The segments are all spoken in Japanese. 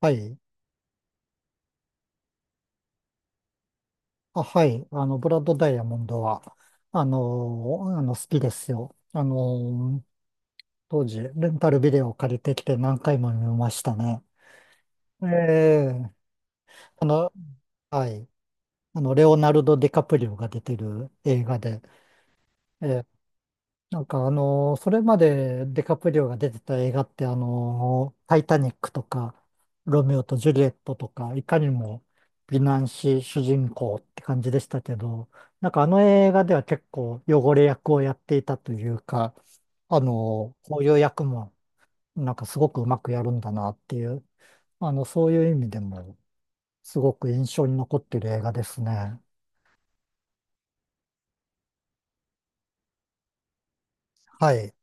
はい。あ、はい。ブラッドダイヤモンドは、好きですよ。当時、レンタルビデオを借りてきて何回も見ましたね。ええあの、はい。レオナルド・ディカプリオが出てる映画で、ええなんかそれまでデカプリオが出てた映画ってタイタニックとか、ロミオとジュリエットとか、いかにも美男子主人公って感じでしたけど、なんかあの映画では結構汚れ役をやっていたというか、あのこういう役もなんかすごくうまくやるんだなっていう、そういう意味でもすごく印象に残ってる映画ですね。はい。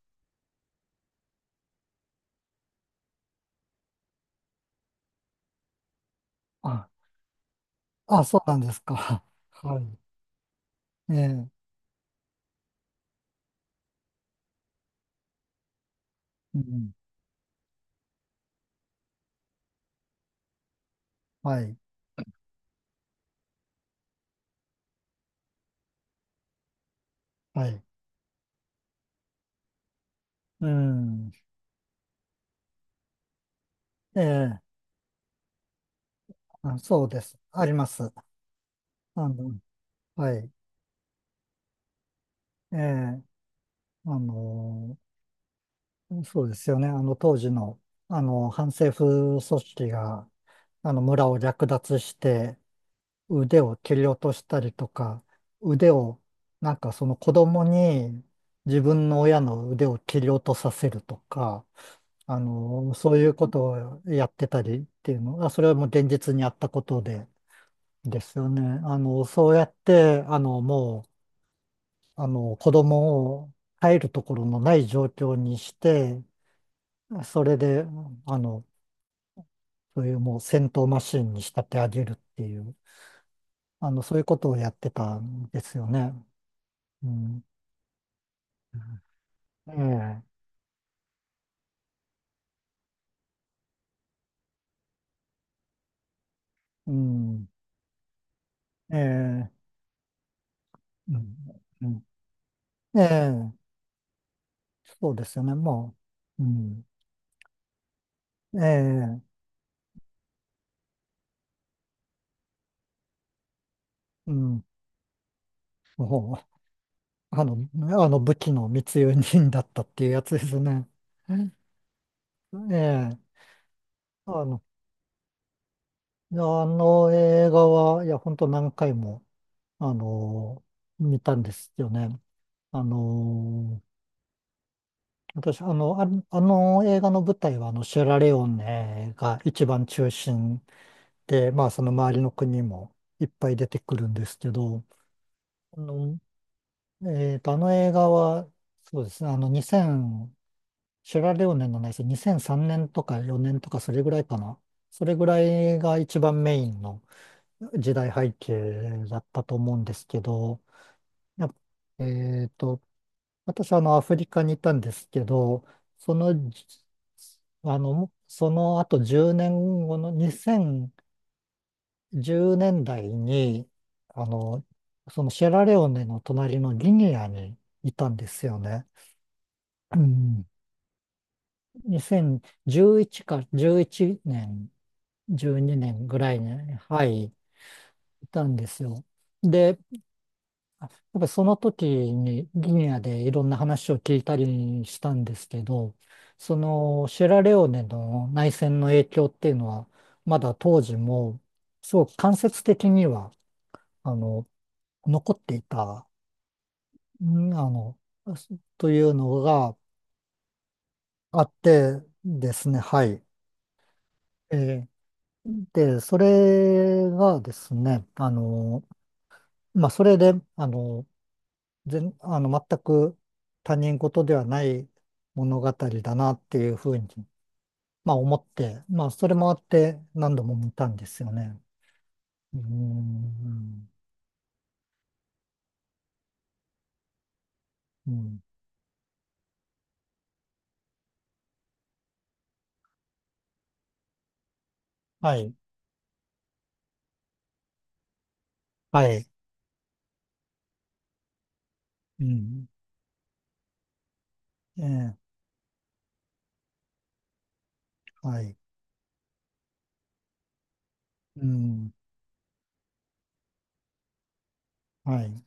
あ、そうなんですか。はい。ええ。うん。はい。はい。うん。ええ、あそうです。あります。あの、はい。ええ、あの、そうですよね。当時の、反政府組織が、村を略奪して、腕を切り落としたりとか、腕を、なんかその子供に自分の親の腕を切り落とさせるとか、そういうことをやってたりっていうのが、それはもう現実にあったことで、ですよね。そうやって、もう、あの、子供を帰るところのない状況にして、それで、あの、そういうもう戦闘マシンに仕立て上げるっていう、そういうことをやってたんですよね。うん。ええ、うん。ええ、うん。うんええ、そうですよね。もう、うん。ええ、うん。もう、あの武器の密輸人だったっていうやつですね。ええ、あの、いやあの映画は、いや、本当何回も、あの、見たんですよね。あの、私、あの映画の舞台は、シェラレオネが一番中心で、まあ、その周りの国もいっぱい出てくるんですけど、あの、あの映画は、そうですね、2000、シェラレオネのないです、2003年とか4年とか、それぐらいかな。それぐらいが一番メインの、時代背景だったと思うんですけど、やっえっと、私はあのアフリカにいたんですけど、そのじ、あの、その後10年後の2010年代に、あの、そのシェラレオネの隣のギニアにいたんですよね。うん、2011か11年、12年ぐらいに、はい、いたんですよ。で、やっぱりその時にギニアでいろんな話を聞いたりしたんですけど、そのシェラレオネの内戦の影響っていうのは、まだ当時も、すごく間接的には、あの、残っていた、んあの、というのがあってですね、はい。えーで、それがですね、それで、あの、全、あの、全く他人事ではない物語だなっていうふうに、まあ思って、まあそれもあって何度も見たんですよね。うーん、うん、はい、はい、うん、ええ、はい、うん、はい、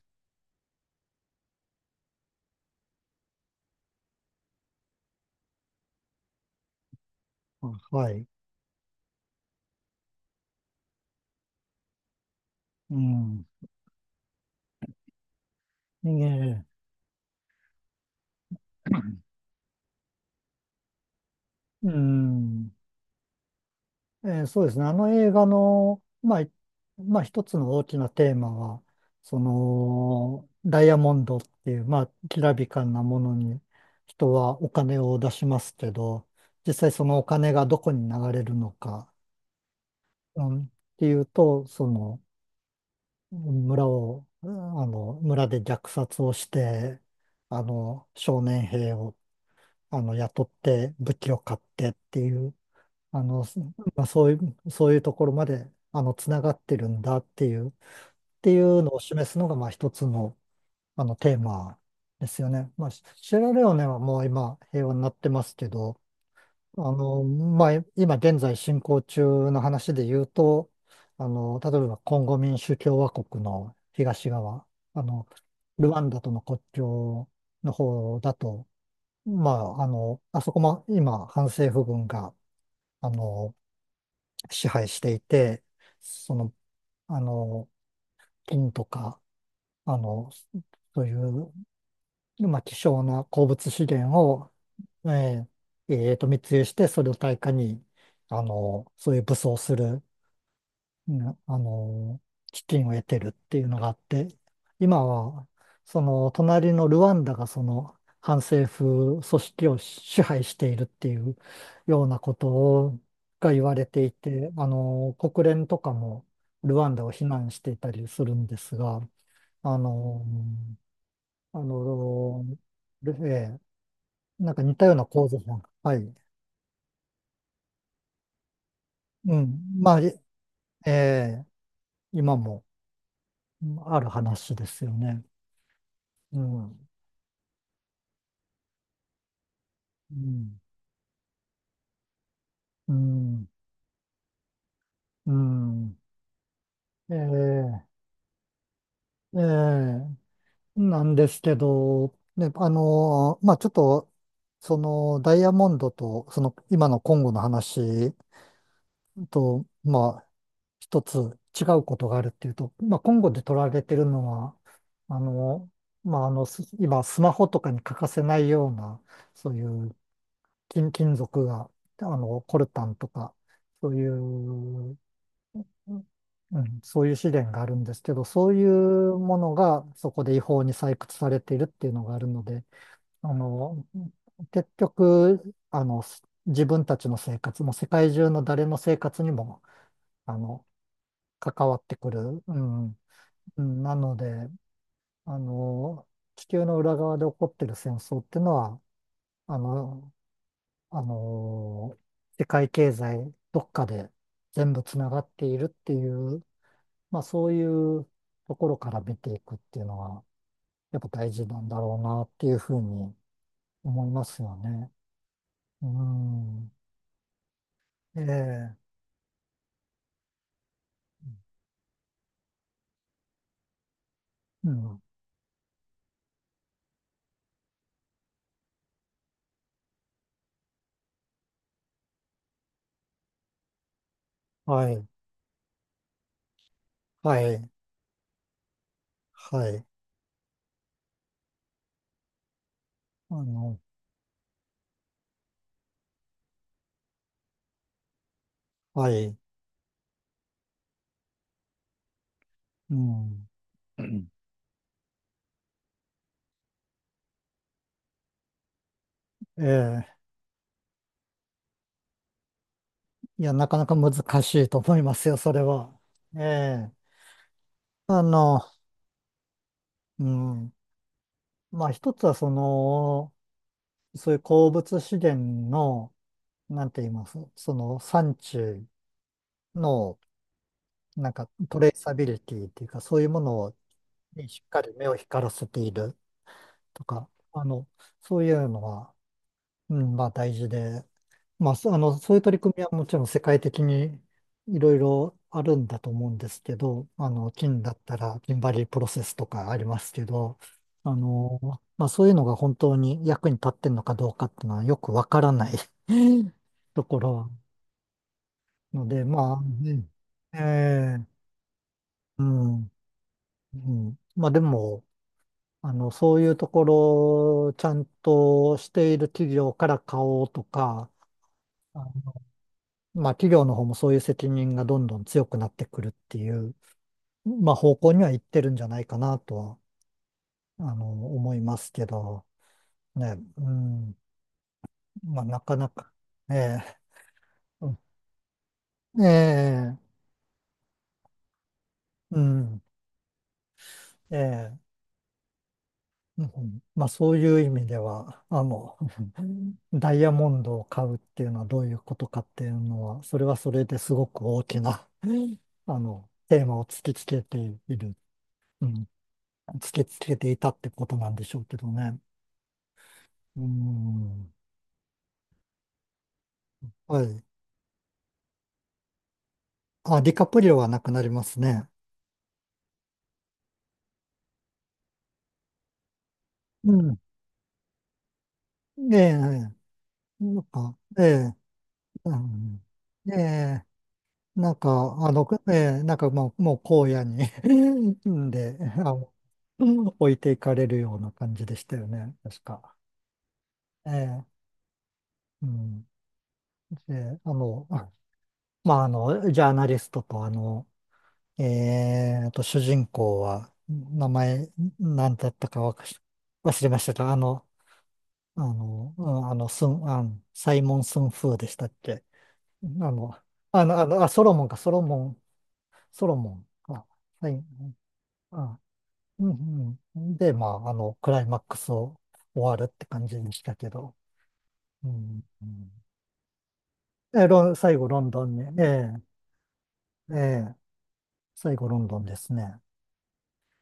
あはい、うん、ええ、うん。そうですね。あの映画の、まあ、一つの大きなテーマは、その、ダイヤモンドっていう、まあ、きらびかなものに人はお金を出しますけど、実際そのお金がどこに流れるのか、うん、っていうと、その、村で虐殺をして、少年兵を、雇って武器を買ってっていう、あの、すまあ、そういう、そういうところまで、つながってるんだっていう、っていうのを示すのが、まあ、一つの、テーマですよね。まあ、シェラレオネはもう今、平和になってますけど、まあ、今現在進行中の話で言うと、例えば、コンゴ民主共和国の東側、あの、ルワンダとの国境の方だと、あそこも今、反政府軍が、あの支配していて、その、あの、金とか、あの、そういう、まあ、希少な鉱物資源を、え密輸して、それを対価に、そういう武装するね、基金を得てるっていうのがあって、今は、その、隣のルワンダがその、反政府組織を支配しているっていうようなことを言われていて、国連とかもルワンダを非難していたりするんですが、あの、あの、ええなんか似たような構図も、はい、うん、まあ、ええ今もある話ですよね。うんうん、うん、うんええ、ええ、なんですけど、ね、ちょっと、その、ダイヤモンドと、その、今のコンゴの話と、まあ、一つ違うことがあるっていうと、まあ、コンゴで取られてるのは、あの、今、スマホとかに欠かせないような、そういう金属が、コルタンとか、そういう、うんうん、そういう資源があるんですけど、そういうものがそこで違法に採掘されているっていうのがあるので、あの、結局、自分たちの生活も世界中の誰の生活にも、あの、関わってくる。うん。うんなので、あの、地球の裏側で起こってる戦争っていうのは、あの、あの、世界経済どっかで全部つながっているっていうまあそういうところから見ていくっていうのは、やっぱ大事なんだろうなっていうふうに思いますよね。うん。ええ。うん。はい。はい。はい。あの、はい。うん。ええ。いや、なかなか難しいと思いますよ、それは。ええ。あの、うん。まあ一つはその、そういう鉱物資源の、なんて言います、その産地の、なんかトレーサビリティっていうか、そういうものにしっかり目を光らせているとか、そういうのは、うん、まあ大事で、まあ、そあの、そういう取り組みはもちろん世界的にいろいろあるんだと思うんですけど、金だったら、金バリープロセスとかありますけど、あの、まあそういうのが本当に役に立ってんのかどうかっていうのはよくわからない ところなので、まあ、うんええうん。うん、まあでも、そういうところをちゃんとしている企業から買おうとか、あまあ企業の方もそういう責任がどんどん強くなってくるっていう、まあ方向にはいってるんじゃないかなとは、思いますけど、ね、うん、まあなかなか、ええ、うんええ、うん、ええ、うんまあそういう意味では、ダイヤモンドを買うっていうのはどういうことかっていうのは、それはそれですごく大きな、テーマをいる、うん、突きつけていたってことなんでしょうけどね。うん。はい。あ、ディカプリオはなくなりますね。うん。ええ、なんか、ええ、うん。ええ、なんか、ええ、なんかもう荒野に んで、置いていかれるような感じでしたよね、確か。ええうん。で、まあ、ジャーナリストと、主人公は、名前、なんだったかわかし忘れましたが、あの、あの、うんあの、スン、あの、サイモン・スンフーでしたっけあの、あ、ソロモン、ソロモンか、はい、あ、うん、うん。で、まあ、クライマックスを終わるって感じでしたけど、うん、うんえ、ロン、最後、ロンドンに、えええ最後ロンドンですね。